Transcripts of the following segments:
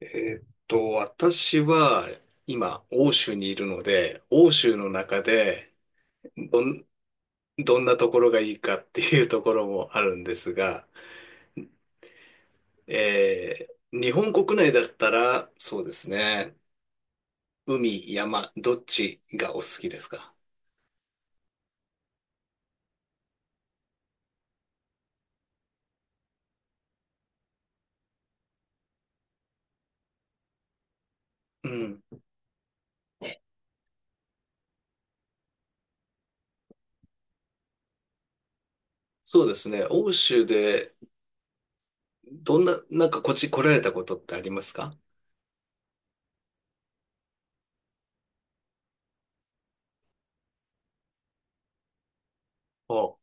私は今、欧州にいるので、欧州の中でどん、どんなところがいいかっていうところもあるんですが、日本国内だったら、そうですね、海、山、どっちがお好きですか？うん。そうですね、欧州で、どんな、なんかこっち来られたことってありますか？お、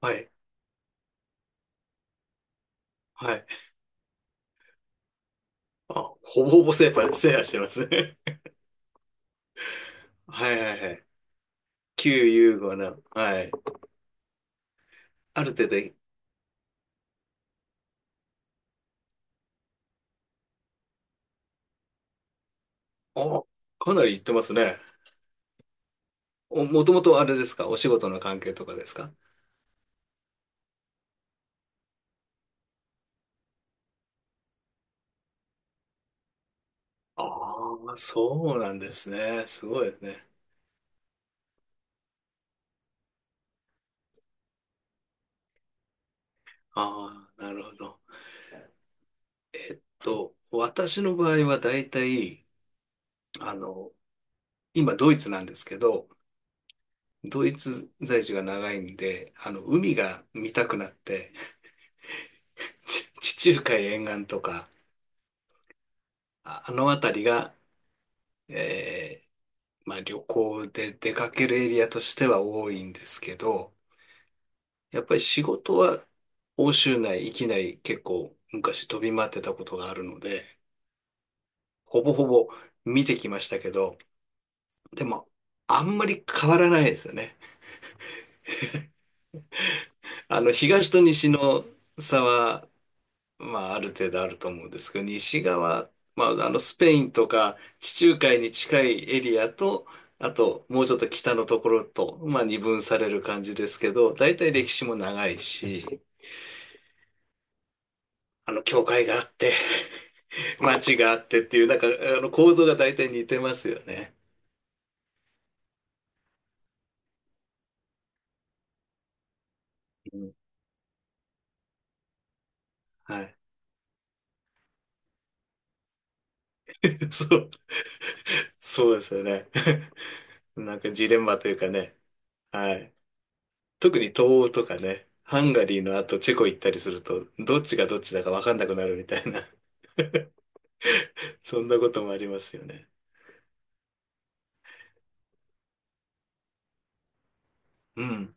はい、はい。あ、ほぼほぼセーファーしてますね。はいはいはい。旧ユーゴの、はい。ある程度お、かなり行ってますね。お、もともとあれですか？お仕事の関係とかですか？ああ、そうなんですね。すごいですね。ああ、なるほど。と、私の場合は大体、あの、今ドイツなんですけど、ドイツ在住が長いんで、あの、海が見たくなって、地中海沿岸とか、あの辺りが、えーまあ旅行で出かけるエリアとしては多いんですけど、やっぱり仕事は欧州内、域内結構昔飛び回ってたことがあるので、ほぼほぼ見てきましたけど、でもあんまり変わらないですよね。あの東と西の差は、まあある程度あると思うんですけど、西側、まああのスペインとか地中海に近いエリアと、あともうちょっと北のところと、まあ二分される感じですけど、大体歴史も長いし、あの教会があって、街があってっていう、なんか、あの、構造が大体似てますよね。うん、はい。そう、そうですよね。なんかジレンマというかね。はい。特に東欧とかね、ハンガリーの後チェコ行ったりすると、どっちがどっちだかわかんなくなるみたいな、そんなこともありますよね。うん。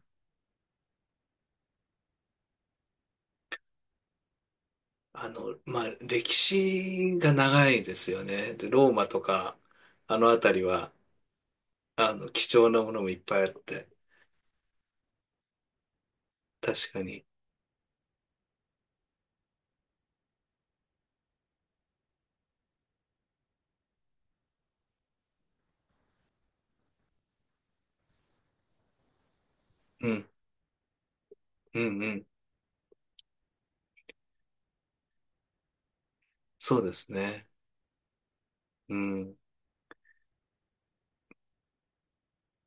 あの、まあ、歴史が長いですよね。で、ローマとか、あの辺りは、あの、貴重なものもいっぱいあって、確かに。うん、うん、うん。そうですね。うん。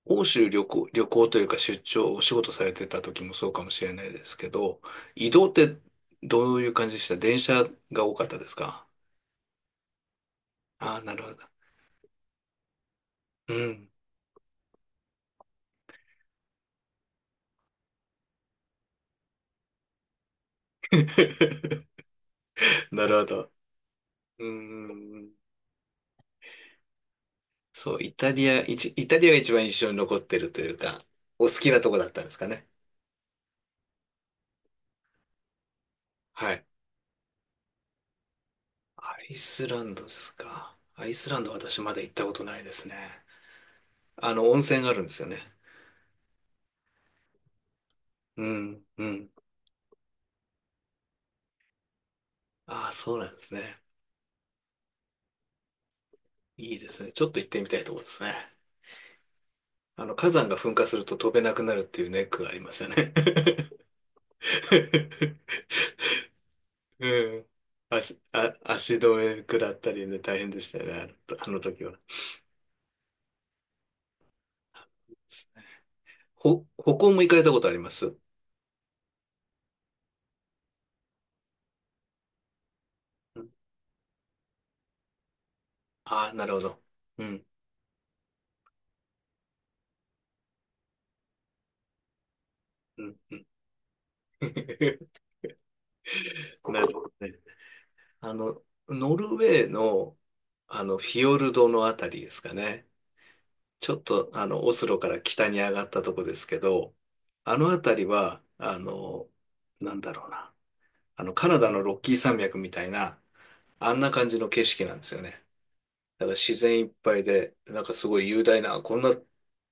欧州旅行、旅行というか出張、お仕事されてた時もそうかもしれないですけど、移動ってどういう感じでした？電車が多かったですか？ああー、なるほど。うん。なるほど。うん。そう、イタリアが一番印象に残ってるというか、お好きなとこだったんですかね。はい。アイスランドですか。アイスランド私まだ行ったことないですね。あの、温泉があるんですよね。うん、うん。ああ、そうなんですね。いいですね。ちょっと行ってみたいところですね。あの、火山が噴火すると飛べなくなるっていうネックがありますよね。うん。足止め食らったりね、大変でしたよね、あのとあの時は。歩行も行かれたことあります？ああー、なるほど。うん、うん、うん なるほどね。あの、ノルウェーの、あの、フィヨルドのあたりですかね。ちょっと、あの、オスロから北に上がったとこですけど、あのあたりは、あの、なんだろうな。あの、カナダのロッキー山脈みたいな、あんな感じの景色なんですよね。だから自然いっぱいで、なんかすごい雄大な、こんな、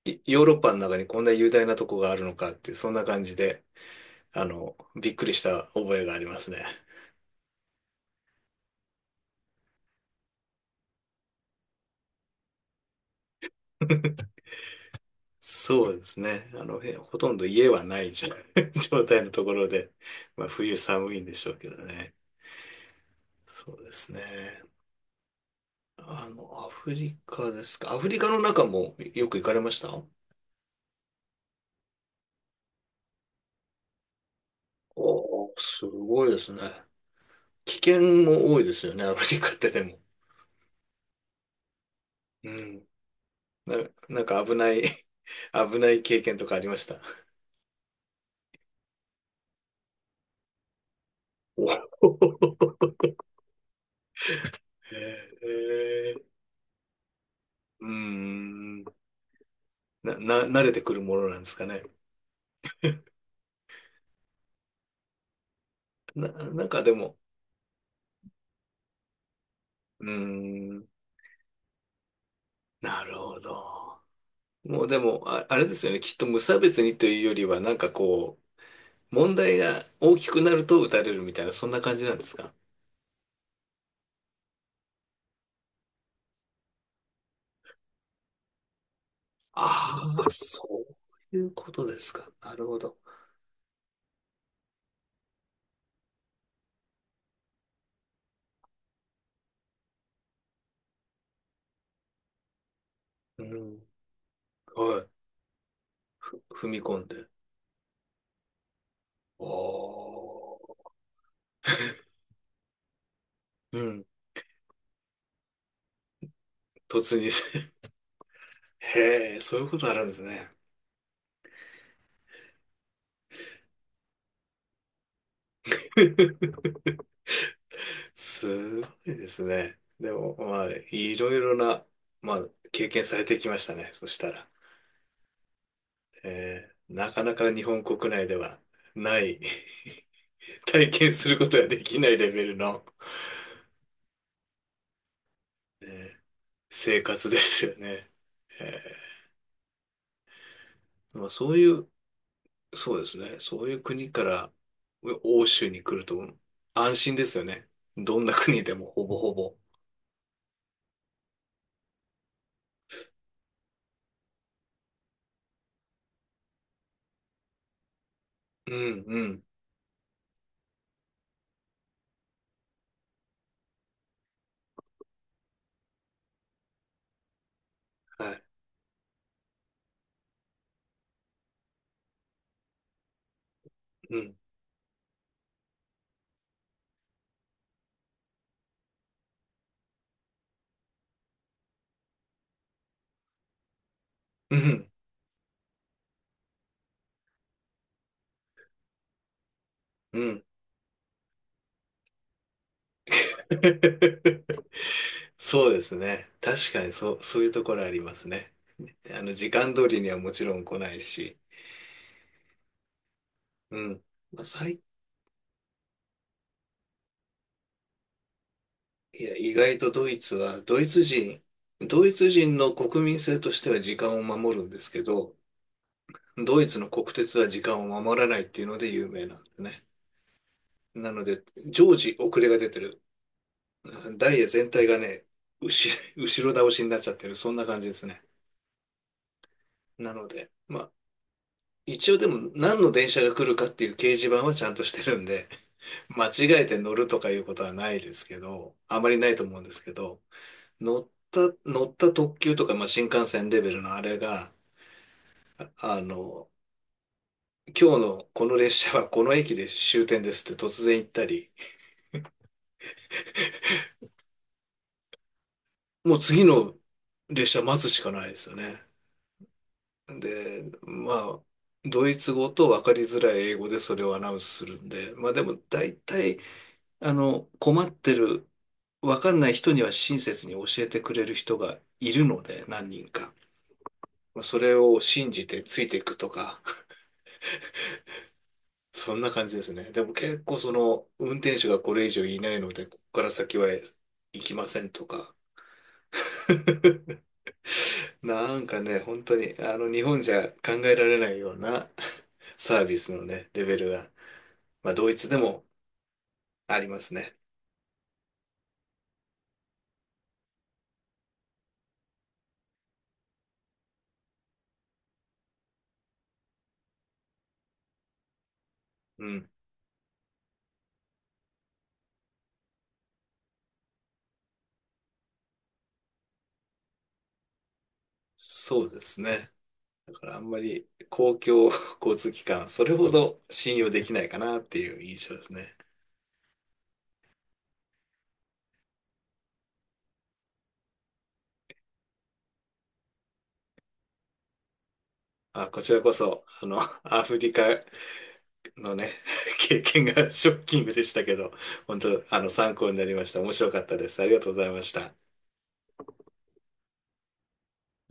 ヨーロッパの中にこんな雄大なとこがあるのかって、そんな感じで、あの、びっくりした覚えがありますね。そうですね。あの、ほとんど家はないじゃ 状態のところで、まあ冬寒いんでしょうけどね。そうですね。あの、アフリカですか。アフリカの中もよく行かれました？おー、すごいですね。危険も多いですよね、アフリカってでも。うん。な、なんか危ない 危ない経験とかありました？お へえ、うん。慣れてくるものなんですかね。なんかでも、うん。なるほど。もうでも、あれですよね。きっと無差別にというよりは、なんかこう、問題が大きくなると打たれるみたいな、そんな感じなんですか？ああ、そういうことですか。なるほど。うん。はい、踏み込んで。おー。うん。突入して。へえ、そういうことあるんですね。すごいですね。でも、まあ、いろいろな、まあ、経験されてきましたね。そしたら。なかなか日本国内ではない 体験することができないレベルの、えー生活ですよね。えまあ、そういうそうですね。そういう国から欧州に来ると安心ですよね。どんな国でもほぼほぼ。うん、うん。はい。うん、うん、うん。そうですね。確かにそういうところありますね。あの、時間通りにはもちろん来ないし。うん。まあ、いや、意外とドイツは、ドイツ人の国民性としては時間を守るんですけど、ドイツの国鉄は時間を守らないっていうので有名なんですね。なので、常時遅れが出てる。ダイエ全体がね、後、後ろ倒しになっちゃってる。そんな感じですね。なので、まあ、一応でも何の電車が来るかっていう掲示板はちゃんとしてるんで、間違えて乗るとかいうことはないですけど、あまりないと思うんですけど、乗った特急とか、まあ、新幹線レベルのあれが、あの、今日のこの列車はこの駅で終点ですって突然言ったり、もう次の列車待つしかないですよね。で、まあ、ドイツ語と分かりづらい英語でそれをアナウンスするんで、まあでも大体、あの、困ってる、分かんない人には親切に教えてくれる人がいるので、何人か。まあそれを信じてついていくとか、そんな感じですね。でも結構その、運転手がこれ以上いないので、ここから先は行きませんとか。なんかね、本当に、あの、日本じゃ考えられないような サービスのね、レベルが、まあ、ドイツでもありますね。うん。そうですね。だからあんまり公共 交通機関、それほど信用できないかなっていう印象ですね。あ、こちらこそ、あの、アフリカのね、経験がショッキングでしたけど、本当、あの、参考になりました。面白かったです。ありがとうございました。